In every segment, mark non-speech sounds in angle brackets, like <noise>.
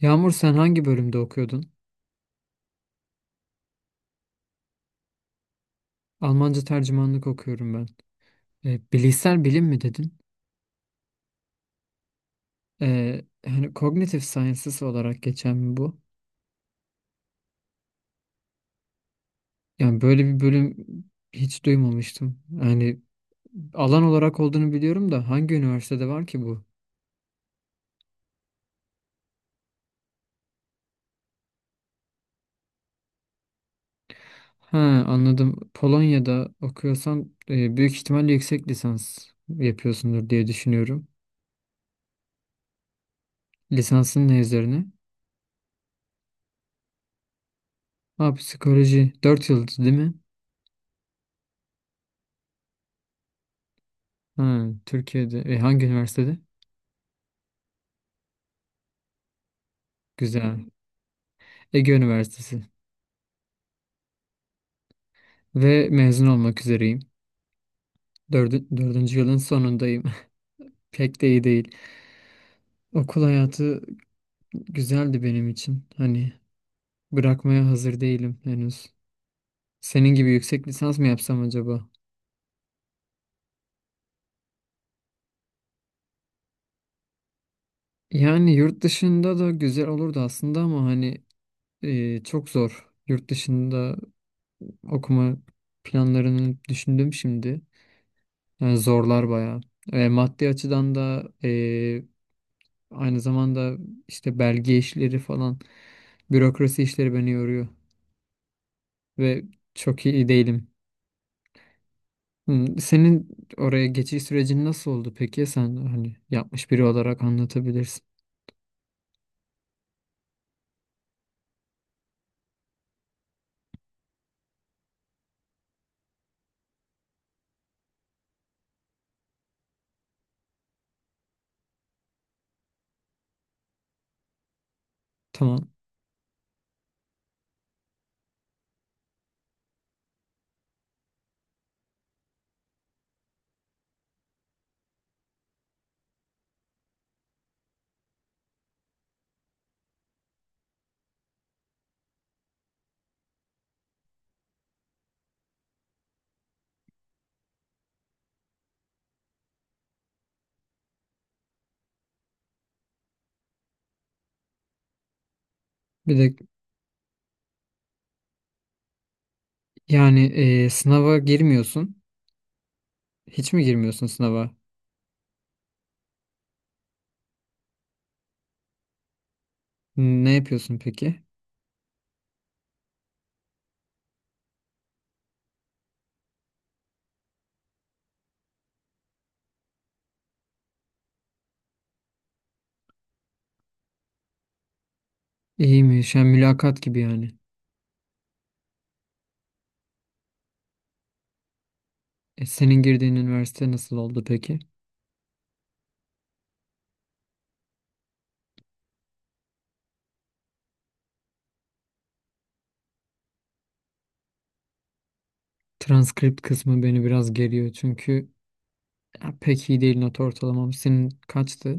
Yağmur, sen hangi bölümde okuyordun? Almanca tercümanlık okuyorum ben. Bilişsel bilim mi dedin? Hani cognitive sciences olarak geçen mi bu? Yani böyle bir bölüm hiç duymamıştım. Yani alan olarak olduğunu biliyorum da hangi üniversitede var ki bu? Ha, anladım. Polonya'da okuyorsan büyük ihtimalle yüksek lisans yapıyorsundur diye düşünüyorum. Lisansın ne üzerine? Ha, psikoloji. 4 yıl değil mi? Ha, Türkiye'de. Hangi üniversitede? Güzel. Ege Üniversitesi ve mezun olmak üzereyim. Dördüncü yılın sonundayım. <laughs> Pek de iyi değil. Okul hayatı güzeldi benim için. Hani bırakmaya hazır değilim henüz. Senin gibi yüksek lisans mı yapsam acaba? Yani yurt dışında da güzel olurdu aslında ama hani çok zor. Yurt dışında okuma planlarını düşündüm şimdi. Yani zorlar bayağı. Maddi açıdan da aynı zamanda işte belge işleri falan. Bürokrasi işleri beni yoruyor ve çok iyi değilim. Hmm. Senin oraya geçiş sürecin nasıl oldu peki? Sen hani yapmış biri olarak anlatabilirsin. Tamam. Bir de yani sınava girmiyorsun. Hiç mi girmiyorsun sınava? Ne yapıyorsun peki? İyiymiş. Yani mülakat gibi yani. Senin girdiğin üniversite nasıl oldu peki? Transkript kısmı beni biraz geriyor çünkü ya, pek iyi değil not ortalamam. Senin kaçtı?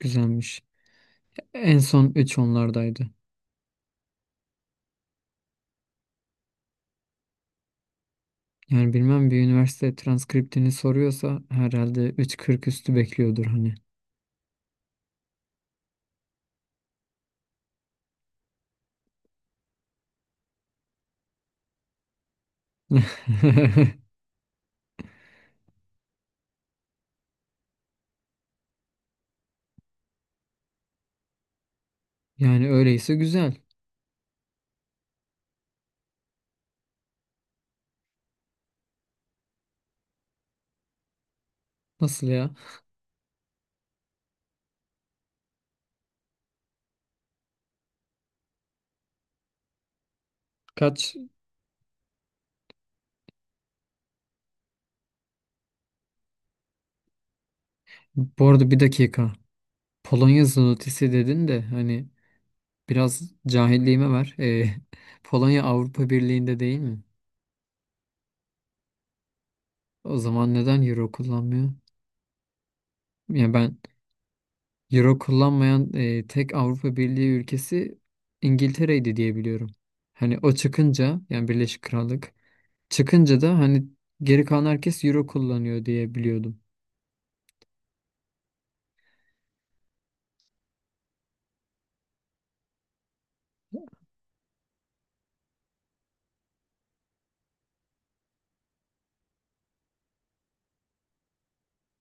Güzelmiş. En son 3 onlardaydı. Yani bilmem, bir üniversite transkriptini soruyorsa herhalde 3.40 üstü bekliyordur hani. <laughs> Yani öyleyse güzel. Nasıl ya? Kaç? Bu arada bir dakika. Polonya zlotysi dedin de hani biraz cahilliğime ver. <laughs> Polonya Avrupa Birliği'nde değil mi? O zaman neden euro kullanmıyor? Ya ben euro kullanmayan tek Avrupa Birliği ülkesi İngiltere'ydi diye biliyorum. Hani o çıkınca, yani Birleşik Krallık çıkınca da hani geri kalan herkes euro kullanıyor diye biliyordum.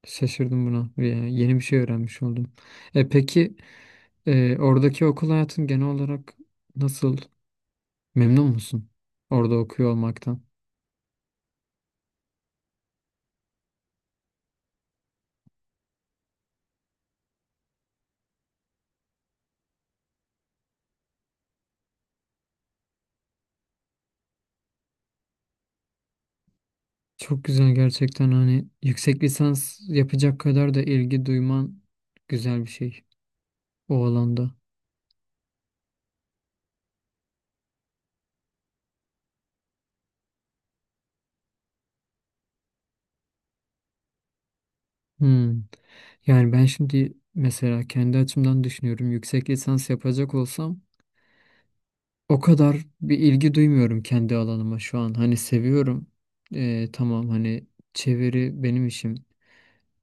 Şaşırdım buna. Yani yeni bir şey öğrenmiş oldum. E peki, oradaki okul hayatın genel olarak nasıl? Memnun musun orada okuyor olmaktan? Çok güzel gerçekten, hani yüksek lisans yapacak kadar da ilgi duyman güzel bir şey o alanda. Hmm. Yani ben şimdi mesela kendi açımdan düşünüyorum. Yüksek lisans yapacak olsam o kadar bir ilgi duymuyorum kendi alanıma şu an. Hani seviyorum. Tamam, hani çeviri benim işim.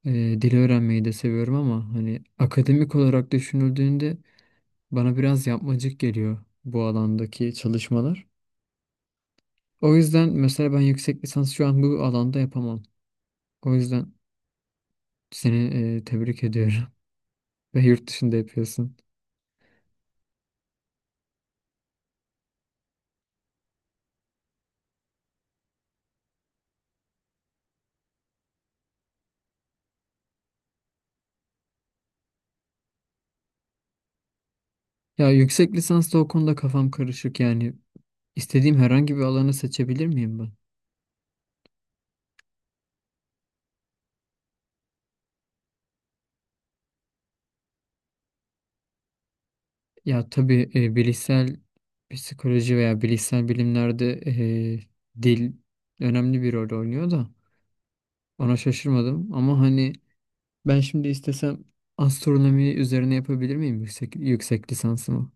Dil öğrenmeyi de seviyorum ama hani akademik olarak düşünüldüğünde bana biraz yapmacık geliyor bu alandaki çalışmalar. O yüzden mesela ben yüksek lisans şu an bu alanda yapamam. O yüzden seni tebrik ediyorum. <laughs> Ve yurt dışında yapıyorsun. Ya, yüksek lisansta o konuda kafam karışık yani. İstediğim herhangi bir alanı seçebilir miyim ben? Ya tabii, bilişsel psikoloji veya bilişsel bilimlerde dil önemli bir rol oynuyor da ona şaşırmadım. Ama hani ben şimdi istesem astronomi üzerine yapabilir miyim yüksek lisansımı?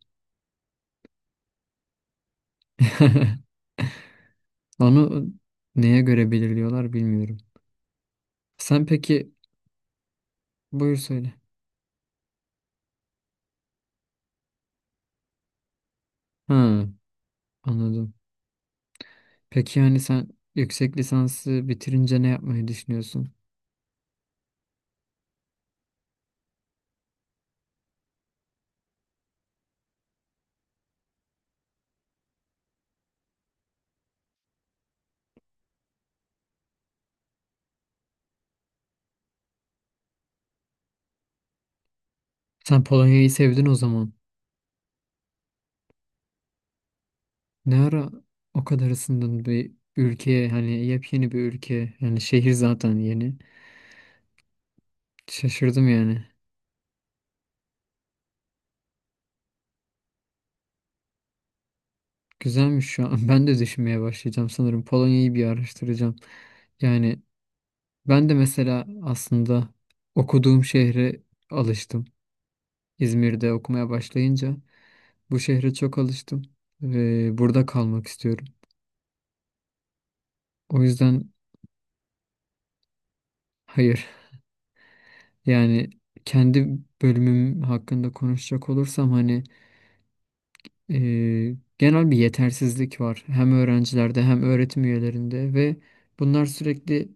<laughs> Onu neye göre belirliyorlar bilmiyorum. Sen peki buyur söyle. Ha, anladım. Peki yani sen yüksek lisansı bitirince ne yapmayı düşünüyorsun? Sen Polonya'yı sevdin o zaman. Ne ara o kadar ısındın bir ülkeye, hani yepyeni bir ülke, yani şehir zaten yeni. Şaşırdım yani. Güzelmiş şu an. <laughs> Ben de düşünmeye başlayacağım sanırım. Polonya'yı bir araştıracağım. Yani ben de mesela aslında okuduğum şehre alıştım. İzmir'de okumaya başlayınca bu şehre çok alıştım ve burada kalmak istiyorum. O yüzden hayır, yani kendi bölümüm hakkında konuşacak olursam hani genel bir yetersizlik var hem öğrencilerde hem öğretim üyelerinde ve bunlar sürekli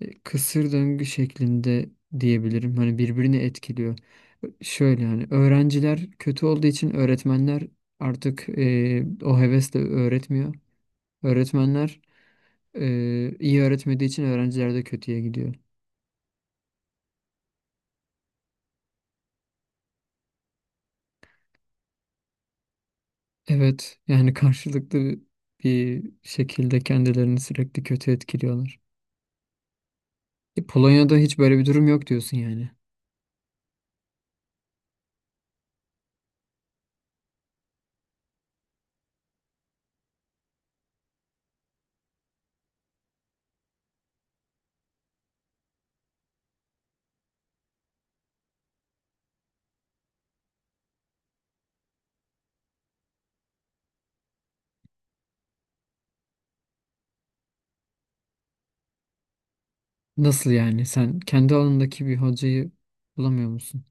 kısır döngü şeklinde diyebilirim. Hani birbirini etkiliyor. Şöyle, hani öğrenciler kötü olduğu için öğretmenler artık o hevesle öğretmiyor. Öğretmenler iyi öğretmediği için öğrenciler de kötüye gidiyor. Evet, yani <laughs> karşılıklı bir şekilde kendilerini sürekli kötü etkiliyorlar. Polonya'da hiç böyle bir durum yok diyorsun yani. Nasıl yani? Sen kendi alanındaki bir hocayı bulamıyor musun?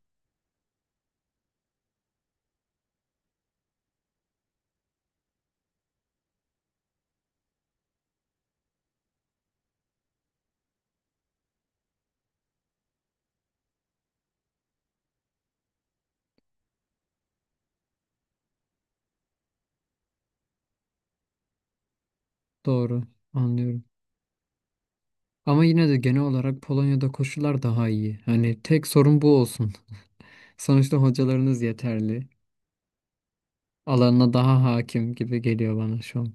Doğru, anlıyorum. Ama yine de genel olarak Polonya'da koşullar daha iyi. Hani tek sorun bu olsun. <laughs> Sonuçta hocalarınız yeterli. Alanına daha hakim gibi geliyor bana şu an.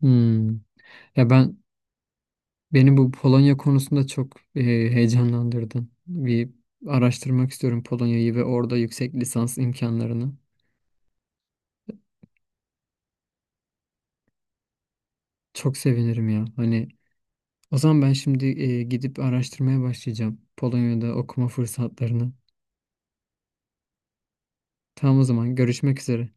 Hmm. Ya ben, beni bu Polonya konusunda çok heyecanlandırdın. Bir araştırmak istiyorum Polonya'yı ve orada yüksek lisans imkanlarını. Çok sevinirim ya. Hani o zaman ben şimdi gidip araştırmaya başlayacağım Polonya'da okuma fırsatlarını. Tamam o zaman, görüşmek üzere.